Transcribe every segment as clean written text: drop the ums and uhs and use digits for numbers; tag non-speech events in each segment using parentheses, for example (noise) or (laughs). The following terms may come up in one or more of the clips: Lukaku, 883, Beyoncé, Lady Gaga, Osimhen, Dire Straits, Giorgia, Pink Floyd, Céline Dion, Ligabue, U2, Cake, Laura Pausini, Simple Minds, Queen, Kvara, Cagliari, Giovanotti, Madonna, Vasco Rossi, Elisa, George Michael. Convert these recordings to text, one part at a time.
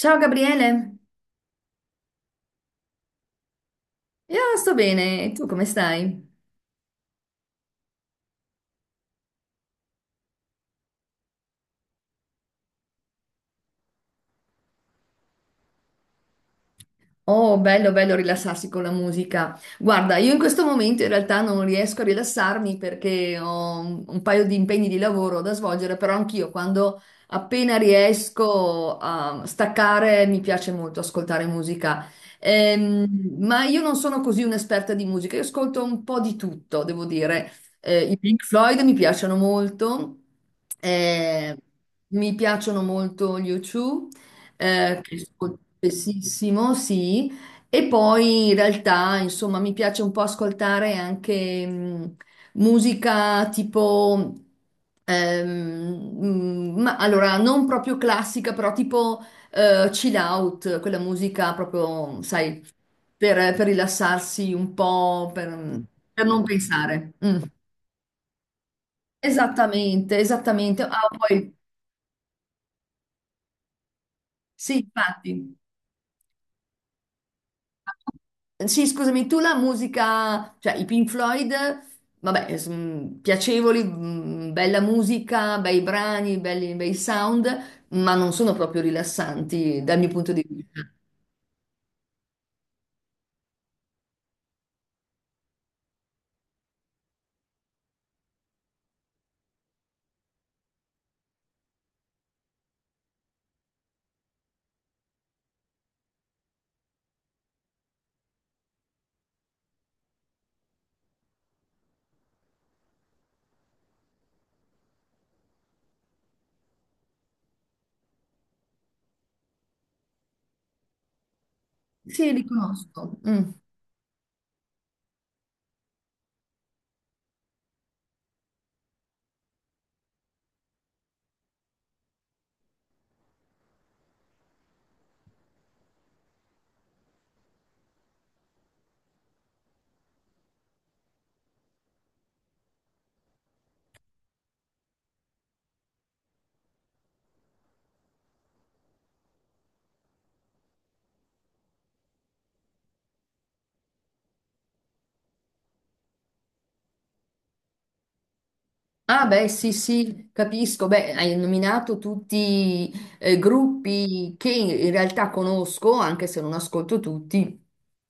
Ciao Gabriele, io sto bene, e tu come stai? Oh, bello, bello rilassarsi con la musica. Guarda, io in questo momento in realtà non riesco a rilassarmi perché ho un paio di impegni di lavoro da svolgere, però anch'io quando appena riesco a staccare mi piace molto ascoltare musica. Ma io non sono così un'esperta di musica, io ascolto un po' di tutto, devo dire. I Pink Floyd mi piacciono molto. eh, Mi piacciono molto gli U2, che ascolto spessissimo, sì. E poi in realtà, insomma, mi piace un po' ascoltare anche musica tipo, ma allora non proprio classica, però tipo chill out, quella musica proprio, sai, per rilassarsi un po', per non pensare. Mm. Esattamente, esattamente. Ah, poi, sì, infatti. Sì, scusami, tu la musica, cioè i Pink Floyd, vabbè, piacevoli, bella musica, bei brani, belli, bei sound, ma non sono proprio rilassanti dal mio punto di vista. Sì, li conosco. Mm. Ah, beh, sì, sì, capisco. Beh, hai nominato tutti gruppi che in realtà conosco, anche se non ascolto tutti,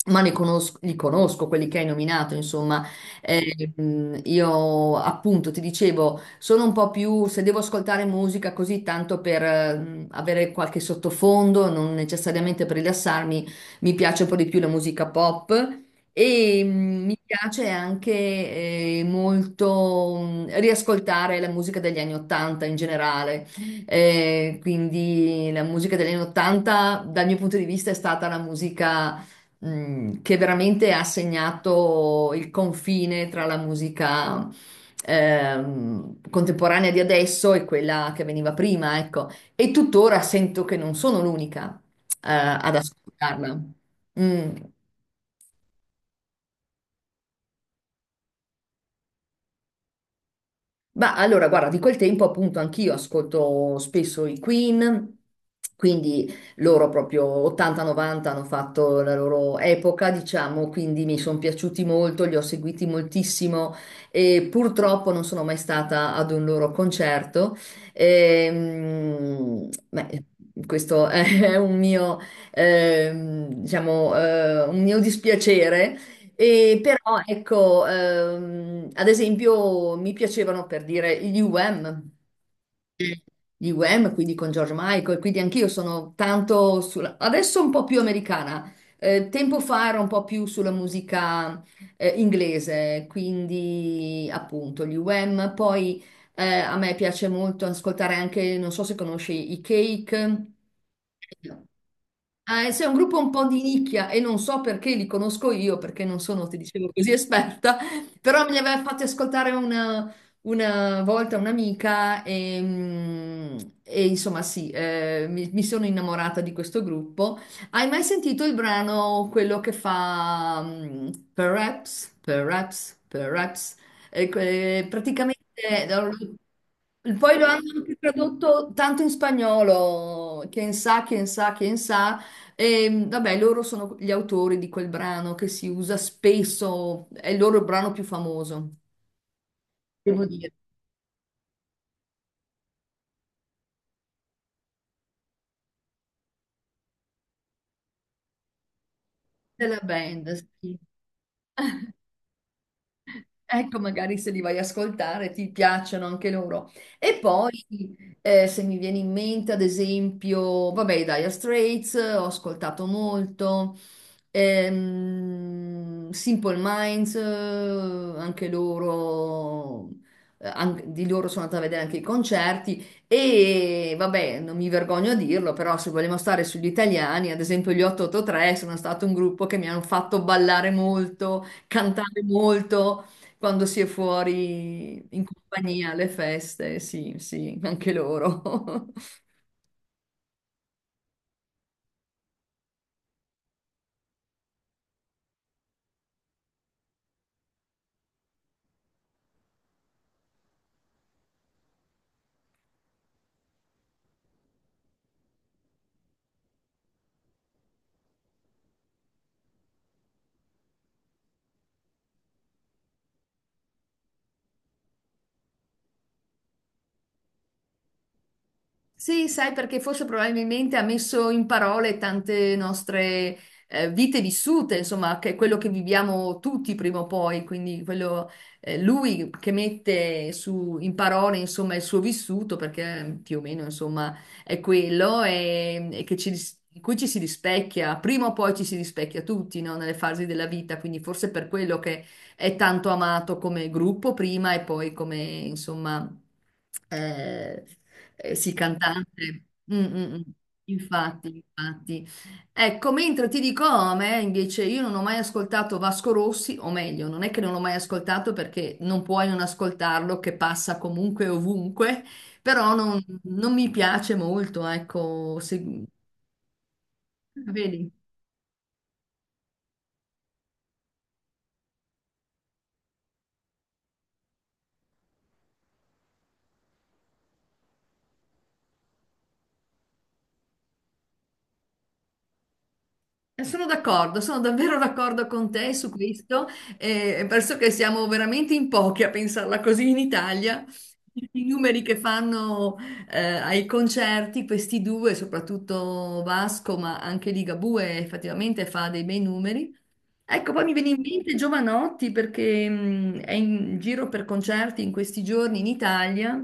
ma ne conosco, li conosco, quelli che hai nominato, insomma. Io appunto ti dicevo, sono un po' più, se devo ascoltare musica così tanto per avere qualche sottofondo, non necessariamente per rilassarmi, mi piace un po' di più la musica pop. E mi piace anche molto riascoltare la musica degli anni Ottanta in generale. Quindi la musica degli anni Ottanta, dal mio punto di vista, è stata la musica che veramente ha segnato il confine tra la musica contemporanea di adesso e quella che veniva prima, ecco. E tuttora sento che non sono l'unica eh, ad ascoltarla. Mm. Ma allora, guarda, di quel tempo appunto anch'io ascolto spesso i Queen, quindi loro proprio 80-90 hanno fatto la loro epoca, diciamo, quindi mi sono piaciuti molto, li ho seguiti moltissimo e purtroppo non sono mai stata ad un loro concerto. Beh, questo (laughs) è un mio, diciamo, un mio dispiacere. E però ecco, ad esempio mi piacevano per dire gli UM. Mm. Gli UM, quindi con George Michael, quindi anch'io sono tanto sulla. Adesso un po' più americana, tempo fa era un po' più sulla musica inglese, quindi appunto gli UM. Poi a me piace molto ascoltare anche, non so se conosci i Cake. Sei un gruppo un po' di nicchia e non so perché li conosco io, perché non sono, ti dicevo, così esperta, però me li aveva fatti ascoltare una volta un'amica e insomma sì, mi sono innamorata di questo gruppo. Hai mai sentito il brano, quello che fa Perhaps, Perhaps, Perhaps? E praticamente eh, poi lo hanno anche tradotto tanto in spagnolo, quien sa, quien sa, quien sa. E, vabbè, loro sono gli autori di quel brano che si usa spesso, è il loro brano più famoso, devo dire, della band. Sì. Ecco, magari se li vai a ascoltare ti piacciono anche loro. E sì. Poi, se mi viene in mente, ad esempio, vabbè, i Dire Straits, ho ascoltato molto. Simple Minds, anche loro, di loro sono andata a vedere anche i concerti e, vabbè, non mi vergogno a dirlo, però se vogliamo stare sugli italiani, ad esempio gli 883 sono stato un gruppo che mi hanno fatto ballare molto, cantare molto. Quando si è fuori in compagnia, alle feste, sì, sì, anche loro. (laughs) Sì, sai, perché forse probabilmente ha messo in parole tante nostre vite vissute, insomma, che è quello che viviamo tutti prima o poi, quindi quello, lui che mette in parole, insomma, il suo vissuto, perché più o meno, insomma, è quello e che ci, in cui ci si rispecchia, prima o poi ci si rispecchia tutti, no? Nelle fasi della vita, quindi forse per quello che è tanto amato come gruppo prima e poi come, insomma, eh, sì, cantante. Mm, mm, mm. Infatti, infatti. Ecco, mentre ti dico, oh, a me invece io non ho mai ascoltato Vasco Rossi, o meglio, non è che non l'ho mai ascoltato perché non puoi non ascoltarlo, che passa comunque ovunque, però non mi piace molto, ecco, vedi. Sono d'accordo, sono davvero (laughs) d'accordo con te su questo. Penso che siamo veramente in pochi a pensarla così in Italia. I numeri che fanno ai concerti, questi due, soprattutto Vasco, ma anche Ligabue effettivamente fa dei bei numeri. Ecco, poi mi viene in mente Giovanotti perché è in giro per concerti in questi giorni in Italia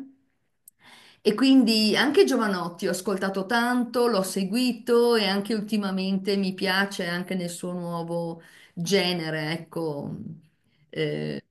e quindi anche Giovanotti ho ascoltato tanto, l'ho seguito e anche ultimamente mi piace anche nel suo nuovo genere, ecco. Eh,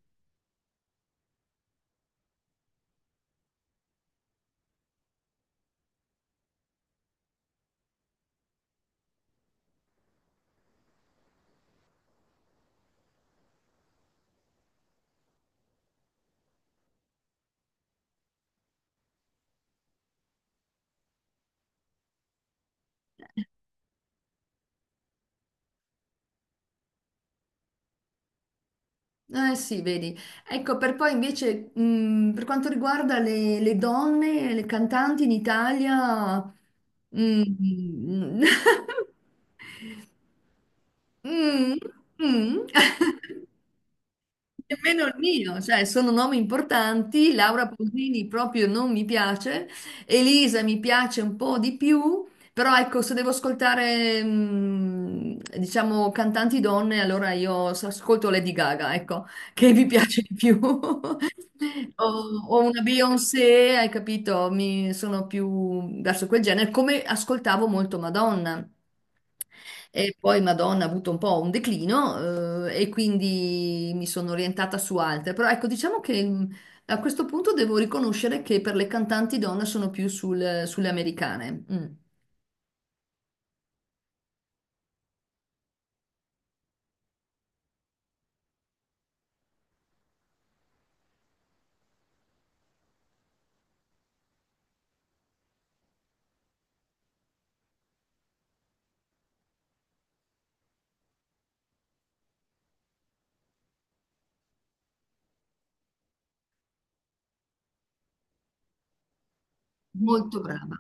eh sì, vedi. Ecco, per poi invece per quanto riguarda le donne, le cantanti in Italia. mm, (laughs) Mm, mm. (laughs) Nemmeno il mio, cioè sono nomi importanti, Laura Pausini proprio non mi piace, Elisa mi piace un po' di più, però ecco, se devo ascoltare, diciamo, cantanti donne, allora io ascolto Lady Gaga, ecco, (laughs) che mi piace di più. (laughs) O una Beyoncé, hai capito? Mi sono più verso quel genere, come ascoltavo molto Madonna. E poi Madonna ha avuto un po' un declino, e quindi mi sono orientata su altre. Però ecco, diciamo che a questo punto devo riconoscere che per le cantanti donne sono più sulle americane. Mm. Molto brava.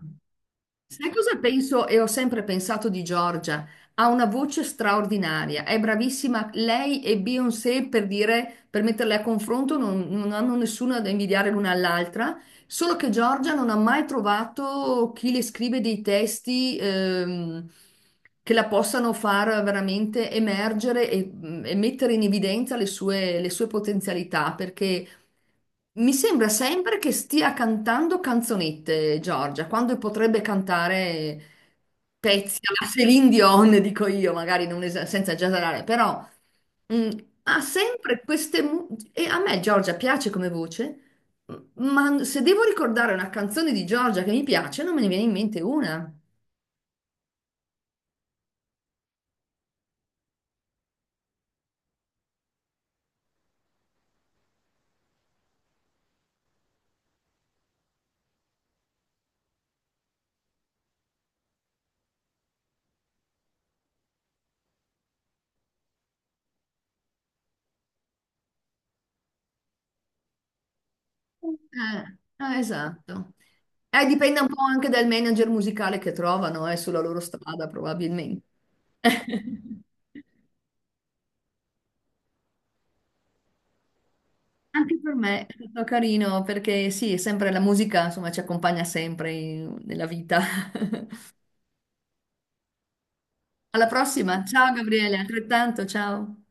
Sai cosa penso e ho sempre pensato di Giorgia? Ha una voce straordinaria, è bravissima. Lei e Beyoncé, per dire, per metterle a confronto, non hanno nessuna da invidiare l'una all'altra, solo che Giorgia non ha mai trovato chi le scrive dei testi che la possano far veramente emergere e mettere in evidenza le sue potenzialità, perché mi sembra sempre che stia cantando canzonette, Giorgia, quando potrebbe cantare pezzi alla Céline Dion, dico io, magari non senza esagerare, però mm, ha sempre queste. E a me Giorgia piace come voce, m- ma se devo ricordare una canzone di Giorgia che mi piace, non me ne viene in mente una. Esatto. Dipende un po' anche dal manager musicale che trovano, sulla loro strada, probabilmente. (laughs) Anche per me è stato carino perché sì, è sempre la musica, insomma, ci accompagna sempre nella vita. (laughs) Alla prossima, ciao Gabriele, altrettanto, ciao.